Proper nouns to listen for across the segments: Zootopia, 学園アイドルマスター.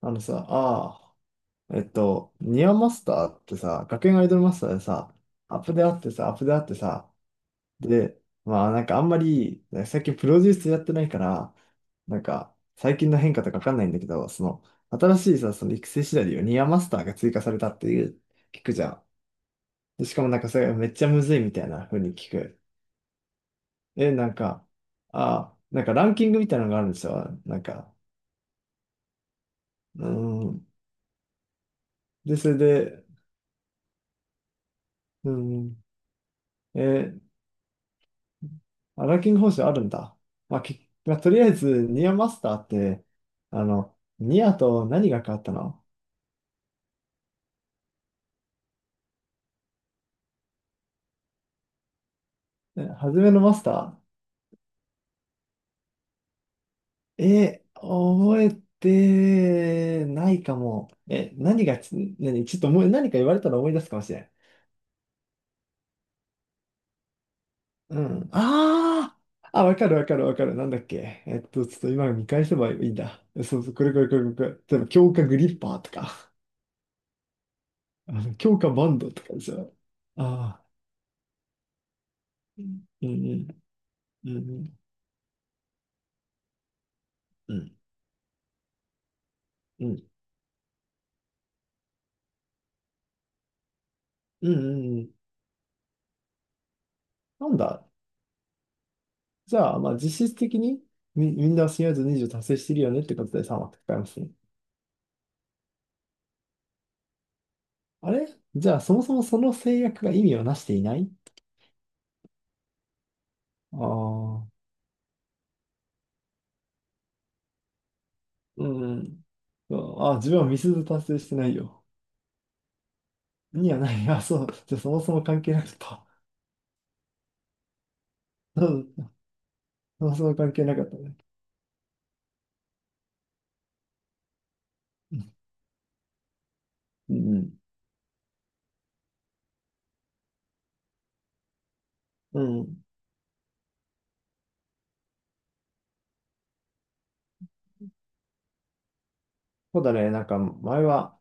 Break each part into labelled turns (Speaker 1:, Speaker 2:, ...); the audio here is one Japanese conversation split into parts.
Speaker 1: あのさ、ああ、えっと、ニアマスターってさ、学園アイドルマスターでさ、アップであってさ、で、まあなんかあんまり、ね最近プロデュースやってないから、なんか最近の変化とかわかんないんだけど、その、新しいさ、その育成シナリオ、ニアマスターが追加されたっていう、聞くじゃん。で、しかもなんかそれめっちゃむずいみたいな風に聞く。え、なんか、ああ、なんかランキングみたいなのがあるんですよ。うーん。で、それで、うーん。えあ、ランキング方式あるんだ。まあ、まあ、とりあえず、ニアマスターって、あの、ニアと何が変わったの？初めのマスター。えー、覚えてないかも。え、何がち、何、ちょっと思い、何か言われたら思い出すかもしれん。うん。あ、わかるわかるわかる。なんだっけ。えっと、ちょっと今見返せばいいんだ。そう、これこれこれこれ。例えば、強化グリッパーとか、あの強化バンドとかでしょ。ああ、うんうん。うんうんうん、うん、うん、うんうん。なんだ。じゃあ、まあ、実質的にみんな親ず20達成してるよねってことで3はかいますね。あれ、じゃあ、そもそもその制約が意味をなしていない？ああー、うん、うん。あ、自分はミスず達成してないよ。にはない。あ、そう。じゃあ、そもそも関係なかった。うん。そもそも関係なかったね。うん、うん。うん、そうだね。なんか、前は、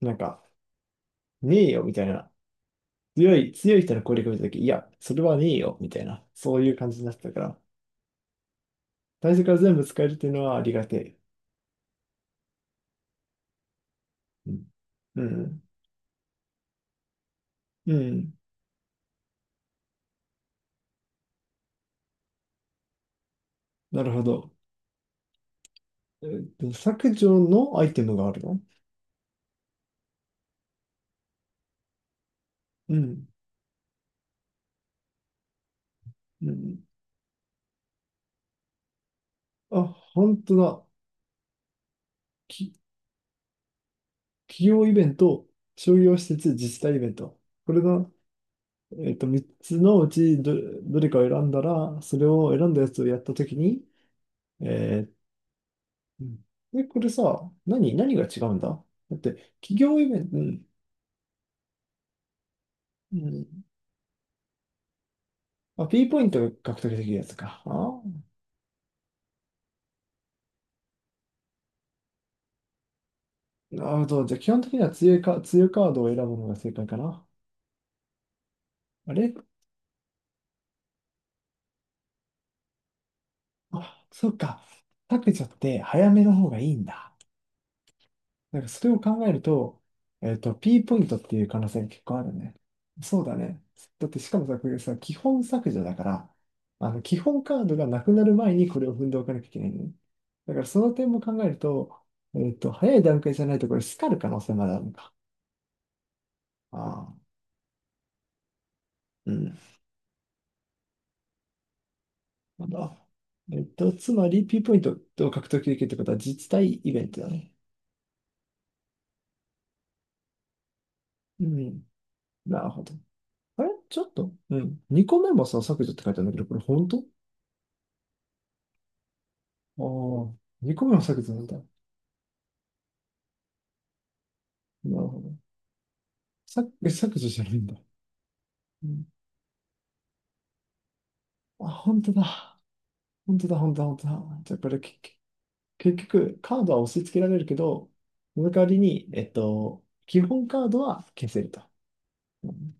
Speaker 1: なんか、ねえよみたいな、強い人の攻略を見たとき、いや、それはねえよ、みたいな、そういう感じになってたから、最初から全部使えるっていうのはありがてえ。うん。うん。うん、なるほど。えっと、削除のアイテムがあるの？うん。うん。あ、本当だ。き、企業イベント、商業施設、自治体イベント。これが、えっと、3つのうちどれかを選んだら、それを選んだやつをやったときに、えうん、で、これさ、何が違うんだ？だって、企業イベント、うん、うん、あ、P ポイントが獲得できるやつか。あー、なるほど。じゃあ、基本的には強いカードを選ぶのが正解かな。あれ、あ、そうか。削除って早めの方がいいんだ。なんかそれを考えると、えっと、P ポイントっていう可能性が結構あるね。そうだね。だってしかもさ、これさ、基本削除だから、あの、基本カードがなくなる前にこれを踏んでおかなきゃいけないのね。だからその点も考えると、えっと、早い段階じゃないとこれ、スカる可能性まであるのか。ああ、うん。まだ。えっと、つまり P ポイントを獲得できるってことは実体イベントだね。うん。なるほど。あれちょっと、うん。2個目もさ、削除って書いてあるんだけど、これ本当？ああ、2個目も削除された。なるほど。削除じゃないんだ。うん、あ、本当だ。本当だ、本当だ、本当だ。じゃあこれ結局、結局カードは押し付けられるけど、その代わりに、えっと、基本カードは消せると。うん、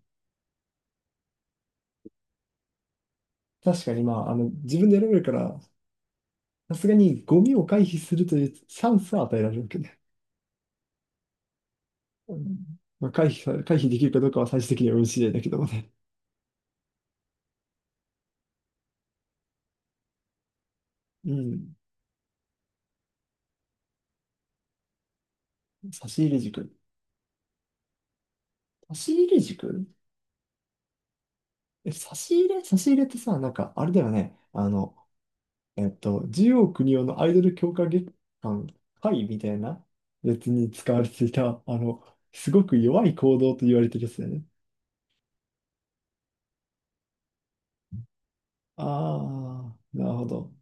Speaker 1: 確かに、まあ、あの、自分で選べるから、さすがにゴミを回避するというチャンスは与えられるわけね。うん、まあ、回避できるかどうかは最終的には運次第だけどもね。うん。差し入れ軸。差し入れ軸、え、差し入れ差し入れってさ、なんか、あれだよね。あの、えっと、ジオ国のアイドル強化月間会みたいなやつに使われていた、あの、すごく弱い行動と言われてるやつだよね。ああ、なるほど。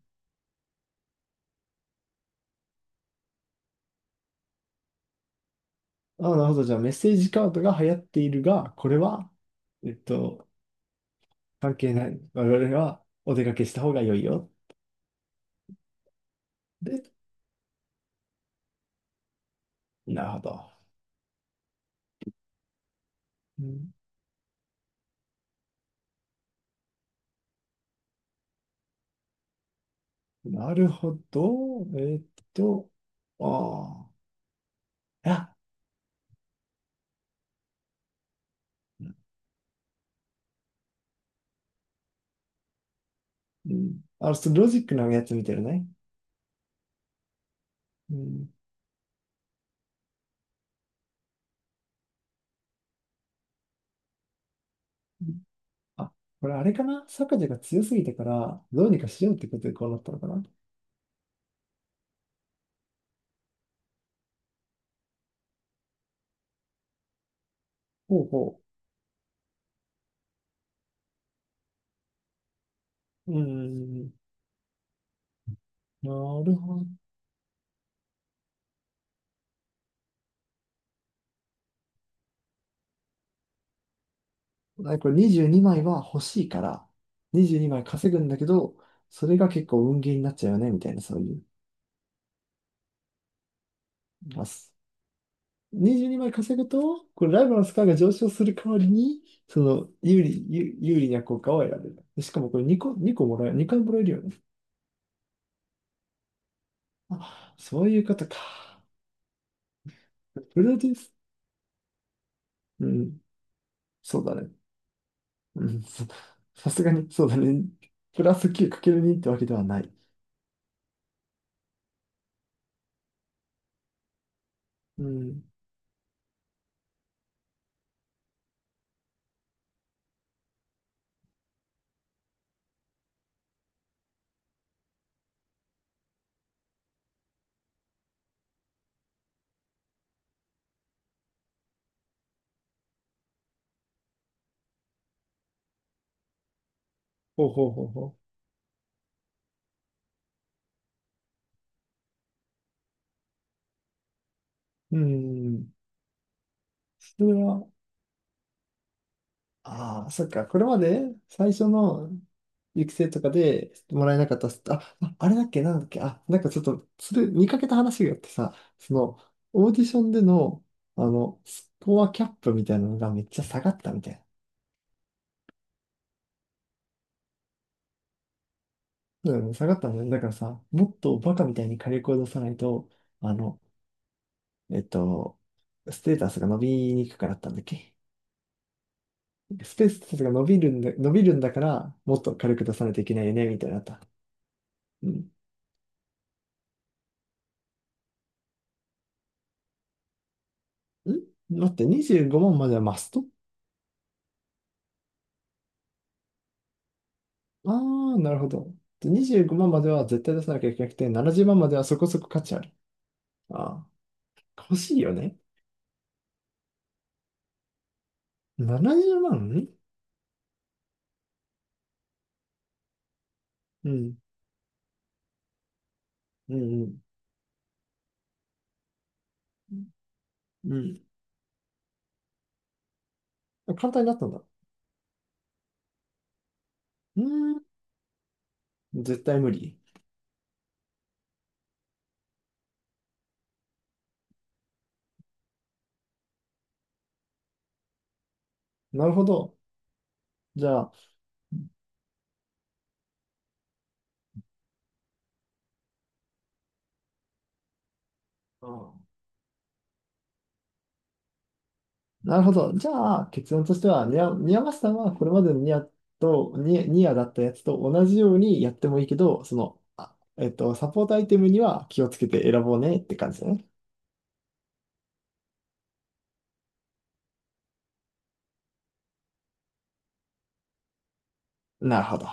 Speaker 1: ああ、なるほど。じゃあ、メッセージカードが流行っているが、これは、えっと、関係ない。我々はお出かけした方が良いよ。で、なるほど。うん、なるほど。えっと、ああ。いや、うん。あの、ちょっとロジックのやつ見てるね。うん。あ、これあれかな、坂地が強すぎたから、どうにかしようってことでこうなったのかな？ほうほう。うん。なるほど。あ、これ22枚は欲しいから、22枚稼ぐんだけど、それが結構運ゲーになっちゃうよね、みたいな、そういう。ます。22枚稼ぐと、これライバルのスコアが上昇する代わりに、その有利な効果を得られる。でしかもこれ2回もらえるよね。あ、そういうことか。プラでうん、そうだね。うん、さ、さすがに、そうだね。プラス9る2ってわけではない。うん。ほうほうほうほう。うん。それは、ああ、そっか。これまで最初の育成とかでもらえなかったスタ、あ、ああれだっけ、なんだっけ、あ、なんかちょっと、それ見かけた話があってさ、その、オーディションでの、あの、スコアキャップみたいなのがめっちゃ下がったみたいな。そうだよね、下がったんだね。だからさ、もっとバカみたいに火力を出さないと、あの、えっと、ステータスが伸びにくくなったんだっけ？スペースタスが伸びるんだから、もっと火力出さないといけないよね、みたいになった。うん。ん、待って、25万まんまではマスト？ああー、なるほど。で25万まんまでは絶対出さなきゃいけなくて、70万まんまではそこそこ価値ある。ああ、欲しいよね。70万うまん。うんうんうん。うん。簡単になったんだ。うーん。絶対無理。なるほど。じゃあ、うん、なるほど。じゃあ、結論としては、ニアマスさんはこれまでのニアと、ニアだったやつと同じようにやってもいいけど、その、えっと、サポートアイテムには気をつけて選ぼうねって感じだね。なるほど。